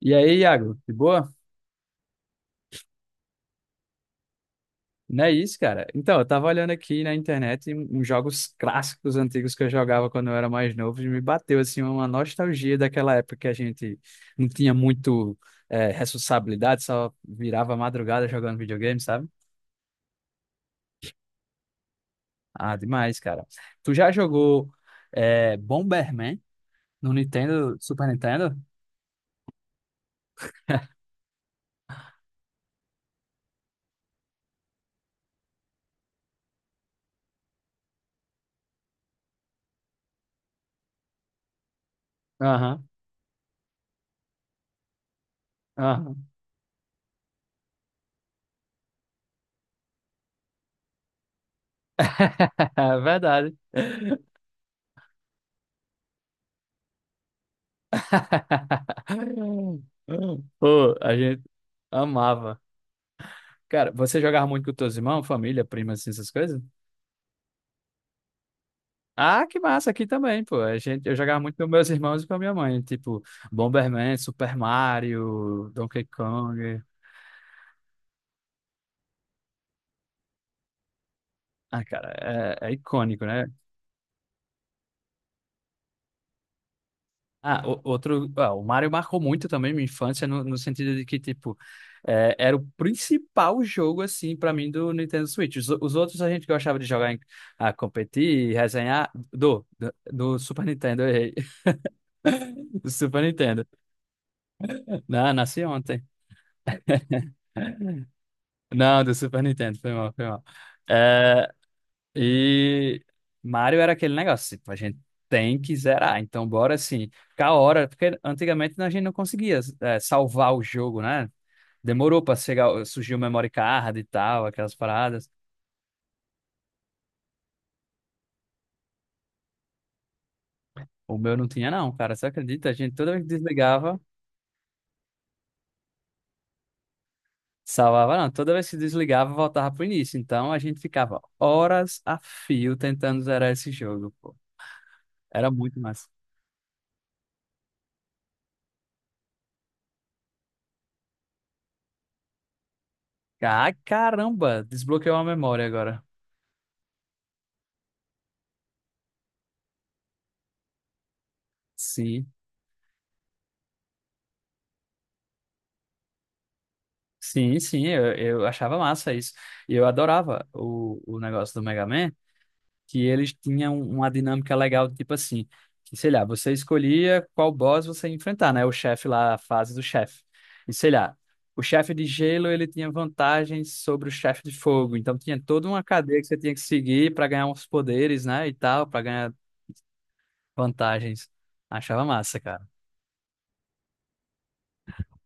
E aí, Iago, de boa? Não é isso, cara? Então, eu tava olhando aqui na internet uns jogos clássicos antigos que eu jogava quando eu era mais novo e me bateu, assim, uma nostalgia daquela época que a gente não tinha muito responsabilidade, só virava madrugada jogando videogame, sabe? Ah, demais, cara. Tu já jogou Bomberman no Nintendo, Super Nintendo? Aham, aham. É verdade. Pô, a gente amava. Cara, você jogava muito com teus irmãos, família, primas, assim, essas coisas? Ah, que massa, aqui também, pô. A gente, eu jogava muito com meus irmãos e com a minha mãe, tipo Bomberman, Super Mario, Donkey Kong. Ah, cara, é, é icônico, né? Ah, outro. Ah, o Mario marcou muito também minha infância, no sentido de que, tipo, é, era o principal jogo, assim, pra mim do Nintendo Switch. Os outros a gente gostava de jogar, em, ah, competir, resenhar. Do Super Nintendo, eu errei. Do Super Nintendo. Não, nasci ontem. Não, do Super Nintendo, foi mal, foi mal. É, e Mario era aquele negócio, tipo, a gente tem que zerar, então bora assim, ficar a hora, porque antigamente a gente não conseguia salvar o jogo, né? Demorou pra chegar, surgiu o memory card e tal, aquelas paradas. O meu não tinha não, cara, você acredita? A gente toda vez que desligava, salvava não, toda vez que desligava voltava pro início, então a gente ficava horas a fio tentando zerar esse jogo, pô. Era muito massa. Ah, caramba, desbloqueou a memória agora. Sim, sim, sim, eu achava massa isso. E eu adorava o negócio do Mega Man, que eles tinham um, uma dinâmica legal, tipo assim, que, sei lá, você escolhia qual boss você ia enfrentar, né? O chefe lá, a fase do chefe. E sei lá, o chefe de gelo, ele tinha vantagens sobre o chefe de fogo, então tinha toda uma cadeia que você tinha que seguir para ganhar uns poderes, né, e tal, para ganhar vantagens. Achava massa, cara.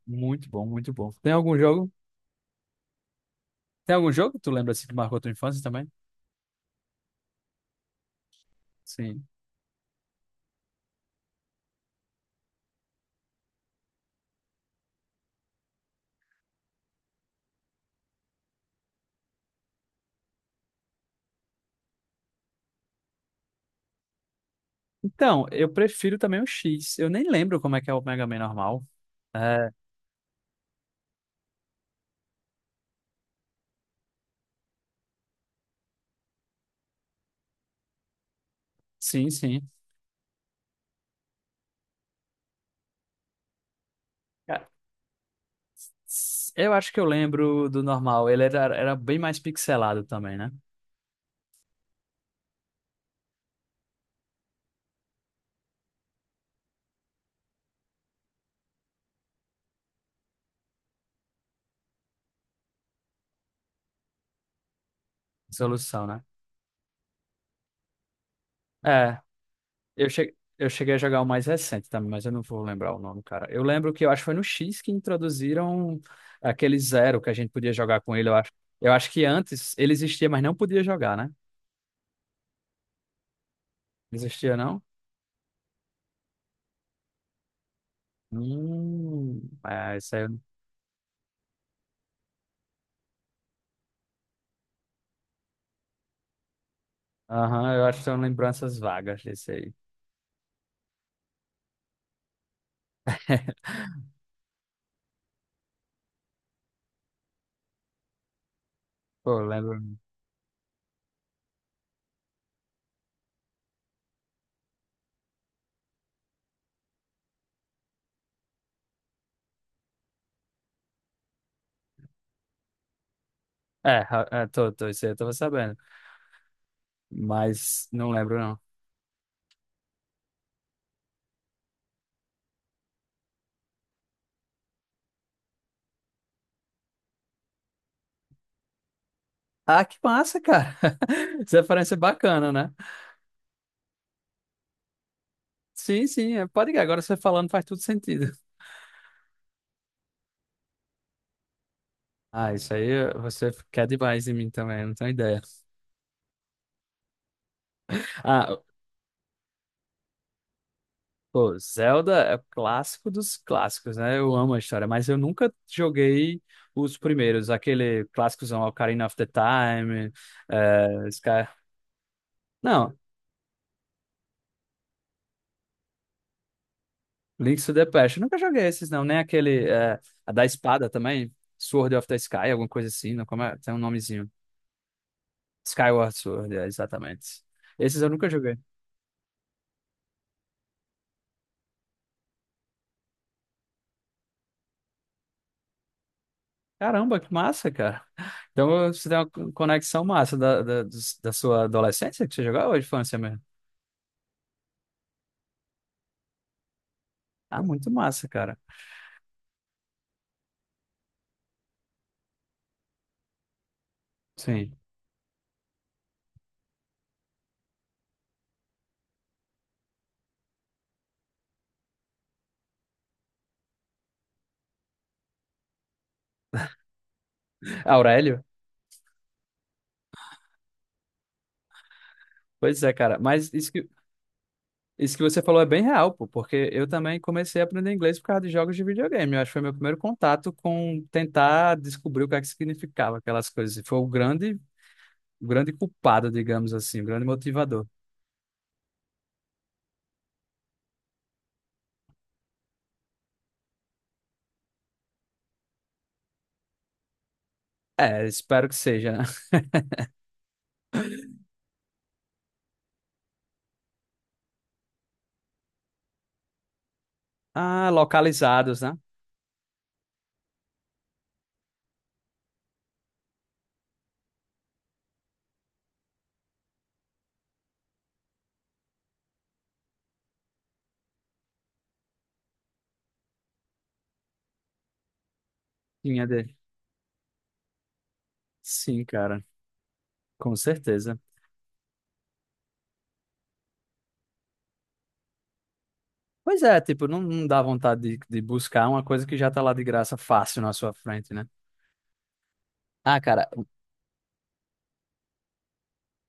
Muito bom, muito bom. Tem algum jogo? Tem algum jogo que tu lembra assim que marcou tua infância também? Sim. Então, eu prefiro também o X. Eu nem lembro como é que é o Mega Man normal. É, sim, sim. Ca- Eu acho que eu lembro do normal. Ele era, era bem mais pixelado também, né? Solução, né? É, eu cheguei a jogar o mais recente também, mas eu não vou lembrar o nome, cara. Eu lembro que eu acho que foi no X que introduziram aquele zero que a gente podia jogar com ele, eu acho. Eu acho que antes ele existia, mas não podia jogar, né? Existia, não? Hum, é, isso aí. Aham, eu acho que são lembranças vagas desse aí. Pô, lembro. É, tô, isso aí eu tava sabendo. Mas não lembro, não. Ah, que massa, cara. Essa referência é bacana, né? Sim, sim, é, pode ir. Agora você falando faz tudo sentido. Ah, isso aí você quer demais em mim também, não tenho ideia. Ah, pô, Zelda é o clássico dos clássicos, né? Eu amo a história, mas eu nunca joguei os primeiros, aquele clássicozão Ocarina of the Time, Sky. Não, Links to the Past. Eu nunca joguei esses, não. Nem aquele. É, a da espada também. Sword of the Sky, alguma coisa assim. Não, como é? Tem um nomezinho. Skyward Sword, é, exatamente. Esses eu nunca joguei. Caramba, que massa, cara. Então você tem uma conexão massa da sua adolescência que você jogava ou infância mesmo? Ah, muito massa, cara. Sim. Aurélio? Pois é, cara. Isso que você falou é bem real, pô, porque eu também comecei a aprender inglês por causa de jogos de videogame. Eu acho que foi meu primeiro contato com tentar descobrir o que é que significava aquelas coisas. E foi o grande culpado, digamos assim, o grande motivador. É, espero que seja, né? Ah, localizados, né? Tinha dele. Sim, cara, com certeza. Pois é, tipo, não, não dá vontade de buscar uma coisa que já tá lá de graça fácil na sua frente, né? Ah, cara,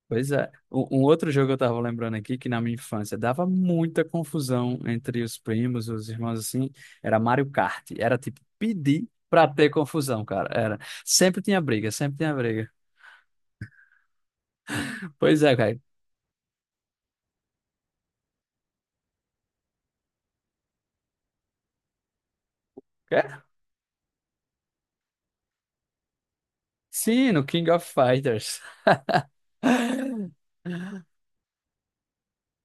pois é. Um outro jogo que eu tava lembrando aqui, que na minha infância dava muita confusão entre os primos, os irmãos assim, era Mario Kart. Era tipo pedir pra ter confusão, cara. Era. Sempre tinha briga, sempre tinha briga. Pois é, cara. É? Sim, no King of Fighters.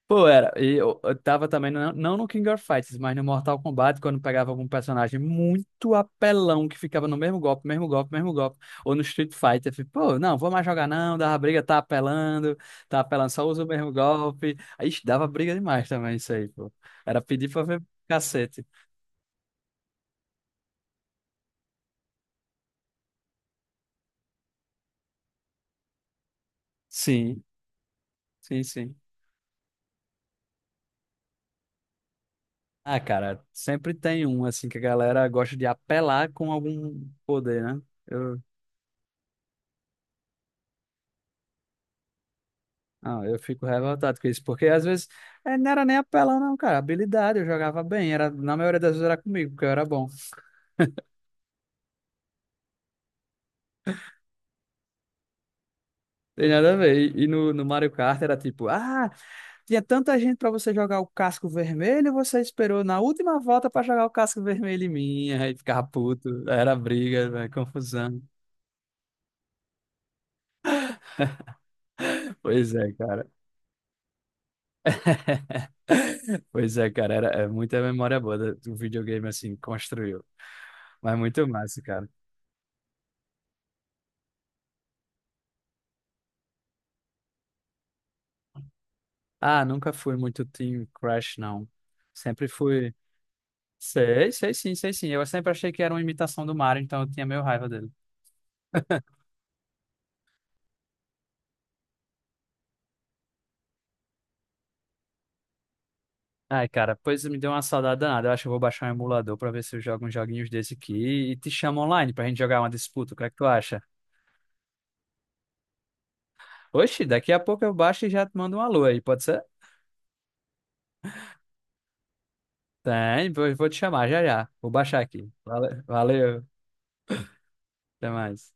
Pô, era. E eu tava também, não, não no King of Fighters, mas no Mortal Kombat, quando pegava algum personagem muito apelão que ficava no mesmo golpe, mesmo golpe, mesmo golpe. Ou no Street Fighter, eu fico, pô, não, vou mais jogar não, dava briga, tá apelando, só usa o mesmo golpe. Aí ixi, dava briga demais também isso aí, pô. Era pedir pra ver cacete. Sim, sim, sim. Ah, cara, sempre tem um, assim, que a galera gosta de apelar com algum poder, né? Eu Não, eu fico revoltado com isso, porque às vezes não era nem apelão, não, cara. Habilidade, eu jogava bem, era, na maioria das vezes era comigo, porque eu era bom. Tem nada a ver. E no Mario Kart era tipo, ah, tinha tanta gente pra você jogar o casco vermelho, você esperou na última volta pra jogar o casco vermelho em mim, aí ficava puto, era briga, velho, confusão. Pois é, cara. Pois é, cara, era, é muita memória boa do do videogame assim, construiu. Mas muito massa, cara. Ah, nunca fui muito Team Crash, não. Sempre fui. Sei, sei sim, sei sim. Eu sempre achei que era uma imitação do Mario, então eu tinha meio raiva dele. Ai, cara, pois me deu uma saudade danada. Eu acho que eu vou baixar um emulador pra ver se eu jogo uns joguinhos desse aqui e te chamo online pra gente jogar uma disputa. O que é que tu acha? Oxi, daqui a pouco eu baixo e já te mando um alô aí, pode ser? Tem, vou te chamar já já. Vou baixar aqui. Valeu, até mais.